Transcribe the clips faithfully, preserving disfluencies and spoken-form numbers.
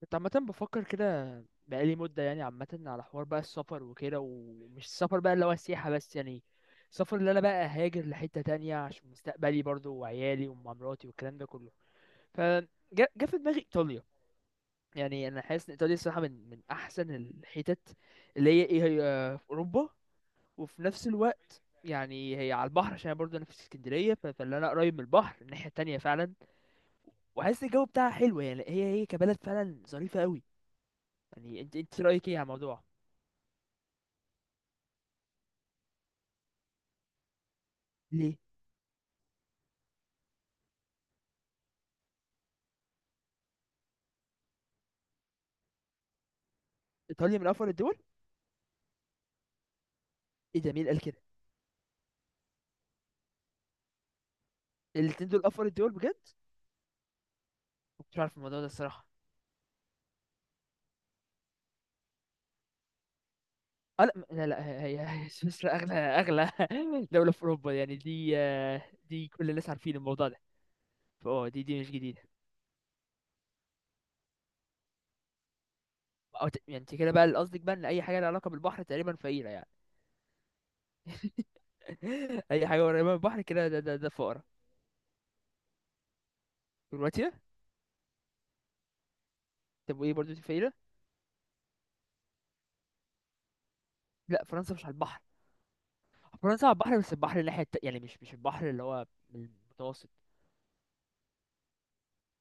كنت عامة بفكر كده بقالي مدة يعني عامة على حوار بقى السفر وكده، ومش السفر بقى اللي هو السياحة بس يعني. السفر اللي أنا بقى هاجر لحتة تانية عشان مستقبلي برضو وعيالي ومراتي والكلام ده كله. فجا في دماغي إيطاليا. يعني أنا حاسس إن إيطاليا الصراحة من من أحسن الحتت اللي هي إيه، هي في أوروبا. وفي نفس الوقت يعني هي على البحر، عشان أنا برضو أنا في اسكندرية، ف- فاللي أنا قريب من البحر الناحية التانية فعلا. وحاسس الجو بتاعها حلو، يعني هي هي كبلد فعلا ظريفة أوي. يعني انت انت رايك ايه على الموضوع؟ ليه؟ ايطاليا من افضل الدول. ايه ده، مين قال كده؟ الاتنين دول افضل الدول بجد. ما كنتش عارف الموضوع ده الصراحه. اه، لا لا لا، هي هي سويسرا، اغلى اغلى دوله في اوروبا يعني دي، آه، دي كل الناس عارفين الموضوع ده. فاه دي دي مش جديده. أو ت- يعني انت كده بقى اللي قصدك بقى ان اي حاجه لها علاقه بالبحر تقريبا فقيره يعني. اي حاجه قريبه من البحر كده ده ده, ده فقره. كرواتيا. طب وايه برضو دي فقيره؟ لا، فرنسا مش على البحر. فرنسا على البحر، بس البحر الناحيه الت- يعني مش مش البحر اللي هو المتوسط.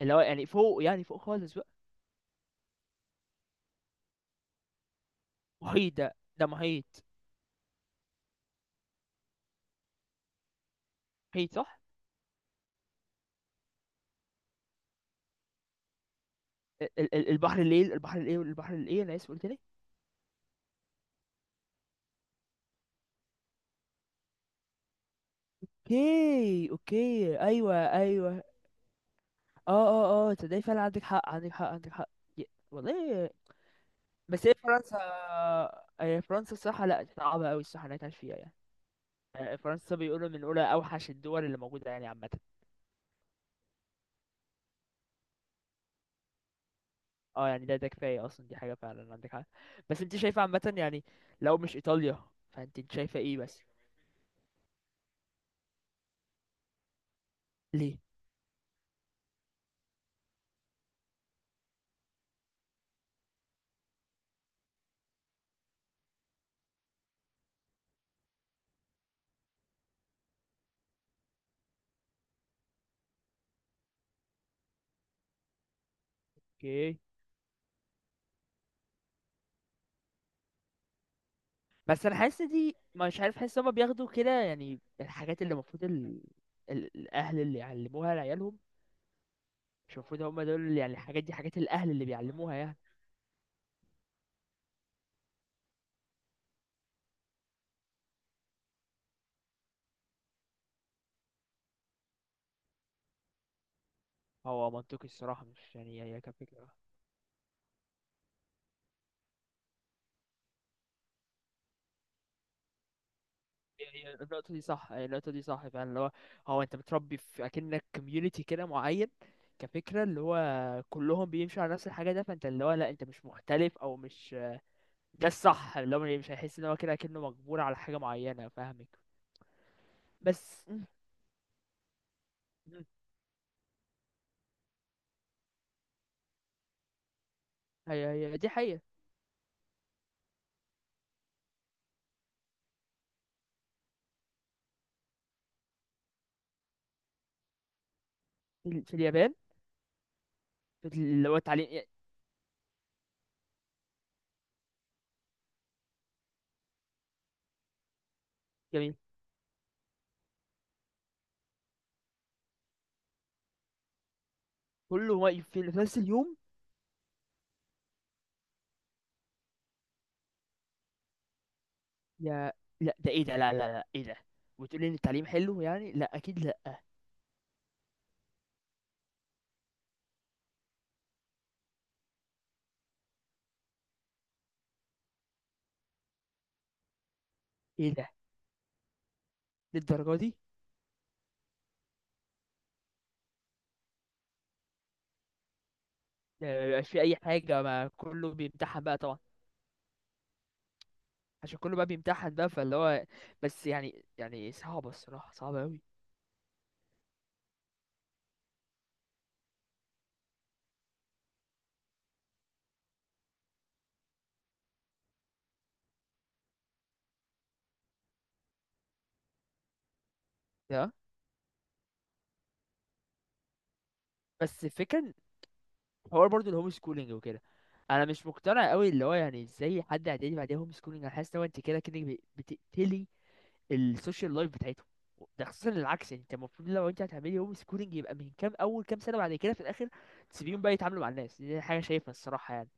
اللي هو يعني فوق، يعني فوق خالص بقى. محيط، ده ده محيط. محيط صح. ال- ال- ال- البحر الايه، البحر الايه، البحر الايه، انا اسف قلت ليه؟ اوكي اوكي، ايوه ايوه. اه اه اه، تصدقي فعلا، عندك حق، عندك حق، عندك حق. ي- والله. بس هي فرنسا، هي فرنسا الصراحه لا، صعبه قوي الصراحه انها تعيش فيها يعني. آه، فرنسا بيقولوا من اولى اوحش الدول اللي موجوده يعني عامه. اه يعني ده ده كفايه اصلا، دي حاجه فعلا عندك حق. بس انت شايفه عامه يعني؟ لو مش ايطاليا، فانت شايفه ايه بس؟ ليه؟ اوكي. بس انا حاسس دي مش عارف، حاسس هما بياخدوا كده يعني الحاجات اللي المفروض ال... ال... الاهل اللي يعلموها لعيالهم. مش المفروض هما دول اللي- يعني الحاجات دي حاجات الاهل اللي بيعلموها يعني. هو منطقي الصراحه، مش يعني هي كفكره. هي هي النقطه دي صح، هي النقطه دي صح فعلا اللي هو. هو انت بتربي في اكنك كوميونتي كده معين، كفكره اللي هو كلهم بيمشوا على نفس الحاجه، ده فانت اللي هو، لا انت مش مختلف او مش. ده الصح اللي هو، مش هيحس ان هو كده كأنه مجبور على حاجه معينه، فاهمك. بس هي هي دي حقيقة. في ال- في اليابان. في ال- اللي هو التعليم. جميل. كله واقف في نفس اليوم. يا. لا، ده ايه ده، لا لا لا، ايه ده؟ وتقولي ان التعليم حلو يعني؟ لا اكيد لا. ايه ده؟ للدرجه دي؟ ده ما بيبقاش في اي حاجه، ما كله بيمتحن بقى طبعا. عشان كله بقى بيمتحن بقى فاللي هو. بس يعني يعني صعبه الصراحه، صعبه قوي. ده. بس الفكره إن حوار برضو الهوم سكولينج وكده، انا مش مقتنع قوي اللي هو يعني ازاي حد اعدادي بعديها هوم سكولينج. انا حاسس ان هو انت كده كده بتقتلي السوشيال لايف بتاعتهم. ده خصوصا العكس يعني، انت المفروض لو انت هتعملي هوم سكولينج يبقى من كام، اول كام سنه بعد كده في الاخر تسيبيهم بقى يتعاملوا مع الناس، دي حاجه شايفها الصراحه يعني.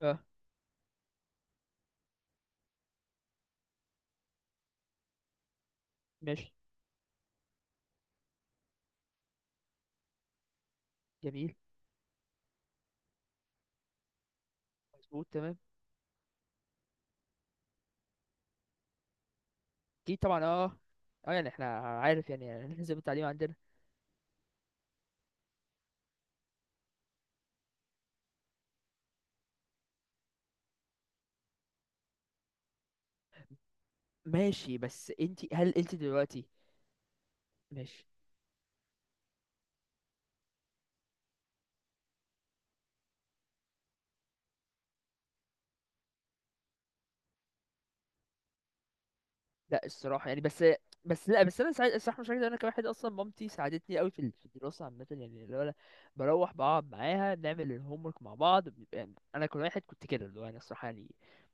اه ماشي. جميل. مظبوط تمام. اكيد طبعا، اه. اه يعني احنا عارف، يعني لازم التعليم عندنا. ماشي، بس انت هل انت دلوقتي. ماشي. لا الصراحه يعني بس. بس لا، بس انا ساعد الصراحه مش عايز، انا كواحد اصلا مامتي ساعدتني قوي في ال- في الدراسه عامه يعني، اللي هو أنا بروح بقعد معاها بنعمل الهوم ورك مع بعض بيبقى، يعني انا كل واحد كنت كده اللي هو انا الصراحه يعني،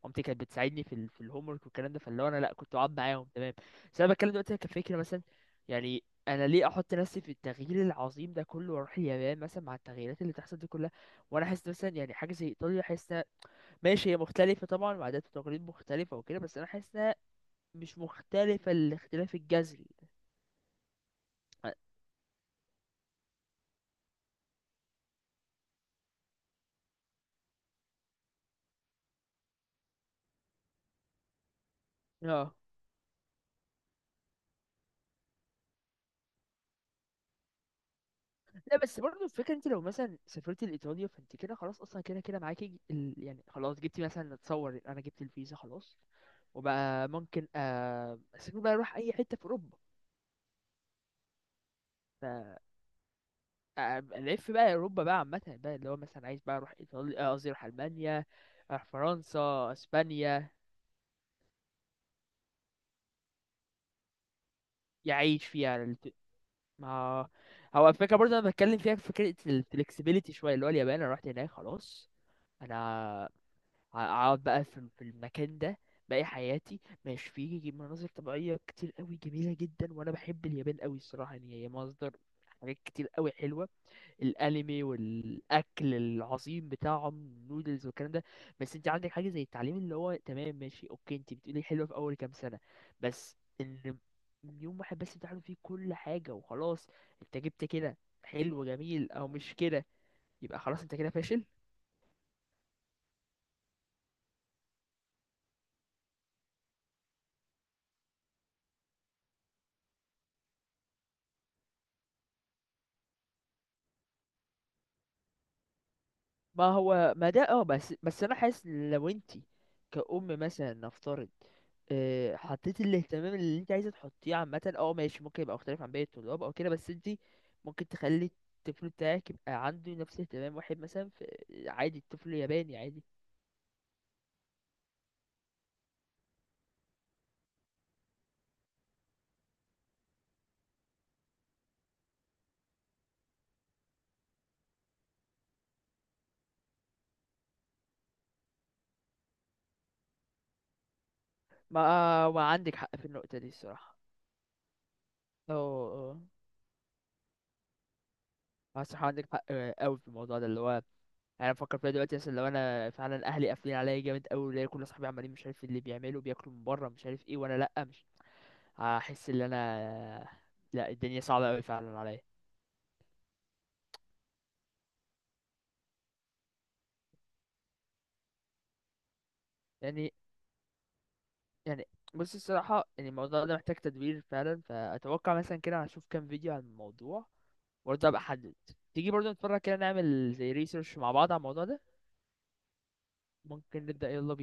مامتي كانت بتساعدني في ال في الهوم ورك والكلام ده، فاللي هو انا لا كنت بقعد معاهم تمام. بس انا بتكلم دلوقتي كفكره مثلا، يعني انا ليه احط نفسي في التغيير العظيم ده كله واروح اليابان مثلا مع التغييرات اللي تحصل دي كلها. وانا حاسس مثلا يعني حاجه زي ايطاليا، حاسس ماشي هي مختلفه طبعا وعادات وتقاليد مختلفه وكده، بس انا حاسس مش مختلفة الاختلاف الجذري. اه. لا بس برضه الفكرة، انت لو مثلا سافرت لإيطاليا فانت كده خلاص اصلا كده كده معاكي ال... يعني خلاص جبتي، مثلا اتصور انا جبت الفيزا خلاص. وبقى ممكن آه، اسافر بقى، اروح اي حتة في اوروبا. ف آه، الف بقى اوروبا بقى عامة بقى، اللي هو مثلا عايز بقى اروح ايطاليا، آه، قصدي اروح المانيا، اروح فرنسا، اسبانيا. يعيش فيها. ما هو الفكرة برضه أنا بتكلم فيها في فكرة الفلكسبيليتي شوية، اللي هو اليابان أنا رحت هناك خلاص. أنا ه- هقعد بقى في في المكان ده باقي حياتي. ماشي فيه مناظر طبيعية كتير قوي جميلة جدا، وأنا بحب اليابان قوي الصراحة يعني، هي مصدر حاجات كتير قوي حلوة، الانمي والاكل العظيم بتاعهم نودلز والكلام ده. بس انت عندك حاجه زي التعليم اللي هو تمام ماشي اوكي، انت بتقولي حلوه في اول كام سنه، بس ان يوم واحد بس بتعلم فيه كل حاجه وخلاص، انت جبت كده حلو جميل او مش كده؟ يبقى خلاص انت كده فاشل. ما هو ما ده اه، بس بس انا حاسس إن لو انت كأم مثلا نفترض، آه، حطيتي الاهتمام اللي انت عايزه تحطيه عامه، اه ماشي، ممكن يبقى مختلف عن باقي الطلاب او كده، بس انت ممكن تخلي الطفل بتاعك يبقى عنده نفس اهتمام واحد مثلا في عادي الطفل ياباني عادي. ما آه، ما عندك حق في النقطه دي الصراحه. اه اه. آه، الصراحه عندك حق قوي في الموضوع ده، اللي هو انا بفكر فيها دلوقتي، مثلا لو انا فعلا اهلي قافلين عليا جامد قوي، ولاقي كل اصحابي عمالين مش عارف اللي بيعملوا، بياكلوا من بره مش عارف ايه، وانا لا مش، هحس ان انا، لا الدنيا صعبة قوي فعلا عليا. يعني، يعني بص الصراحة يعني الموضوع ده محتاج تدبير فعلا، فأتوقع مثلا كده هشوف كام فيديو عن الموضوع، وبرضه أبقى أحدد. تيجي برضه نتفرج كده، نعمل زي ريسيرش مع بعض على الموضوع ده. ممكن نبدأ، يلا بينا.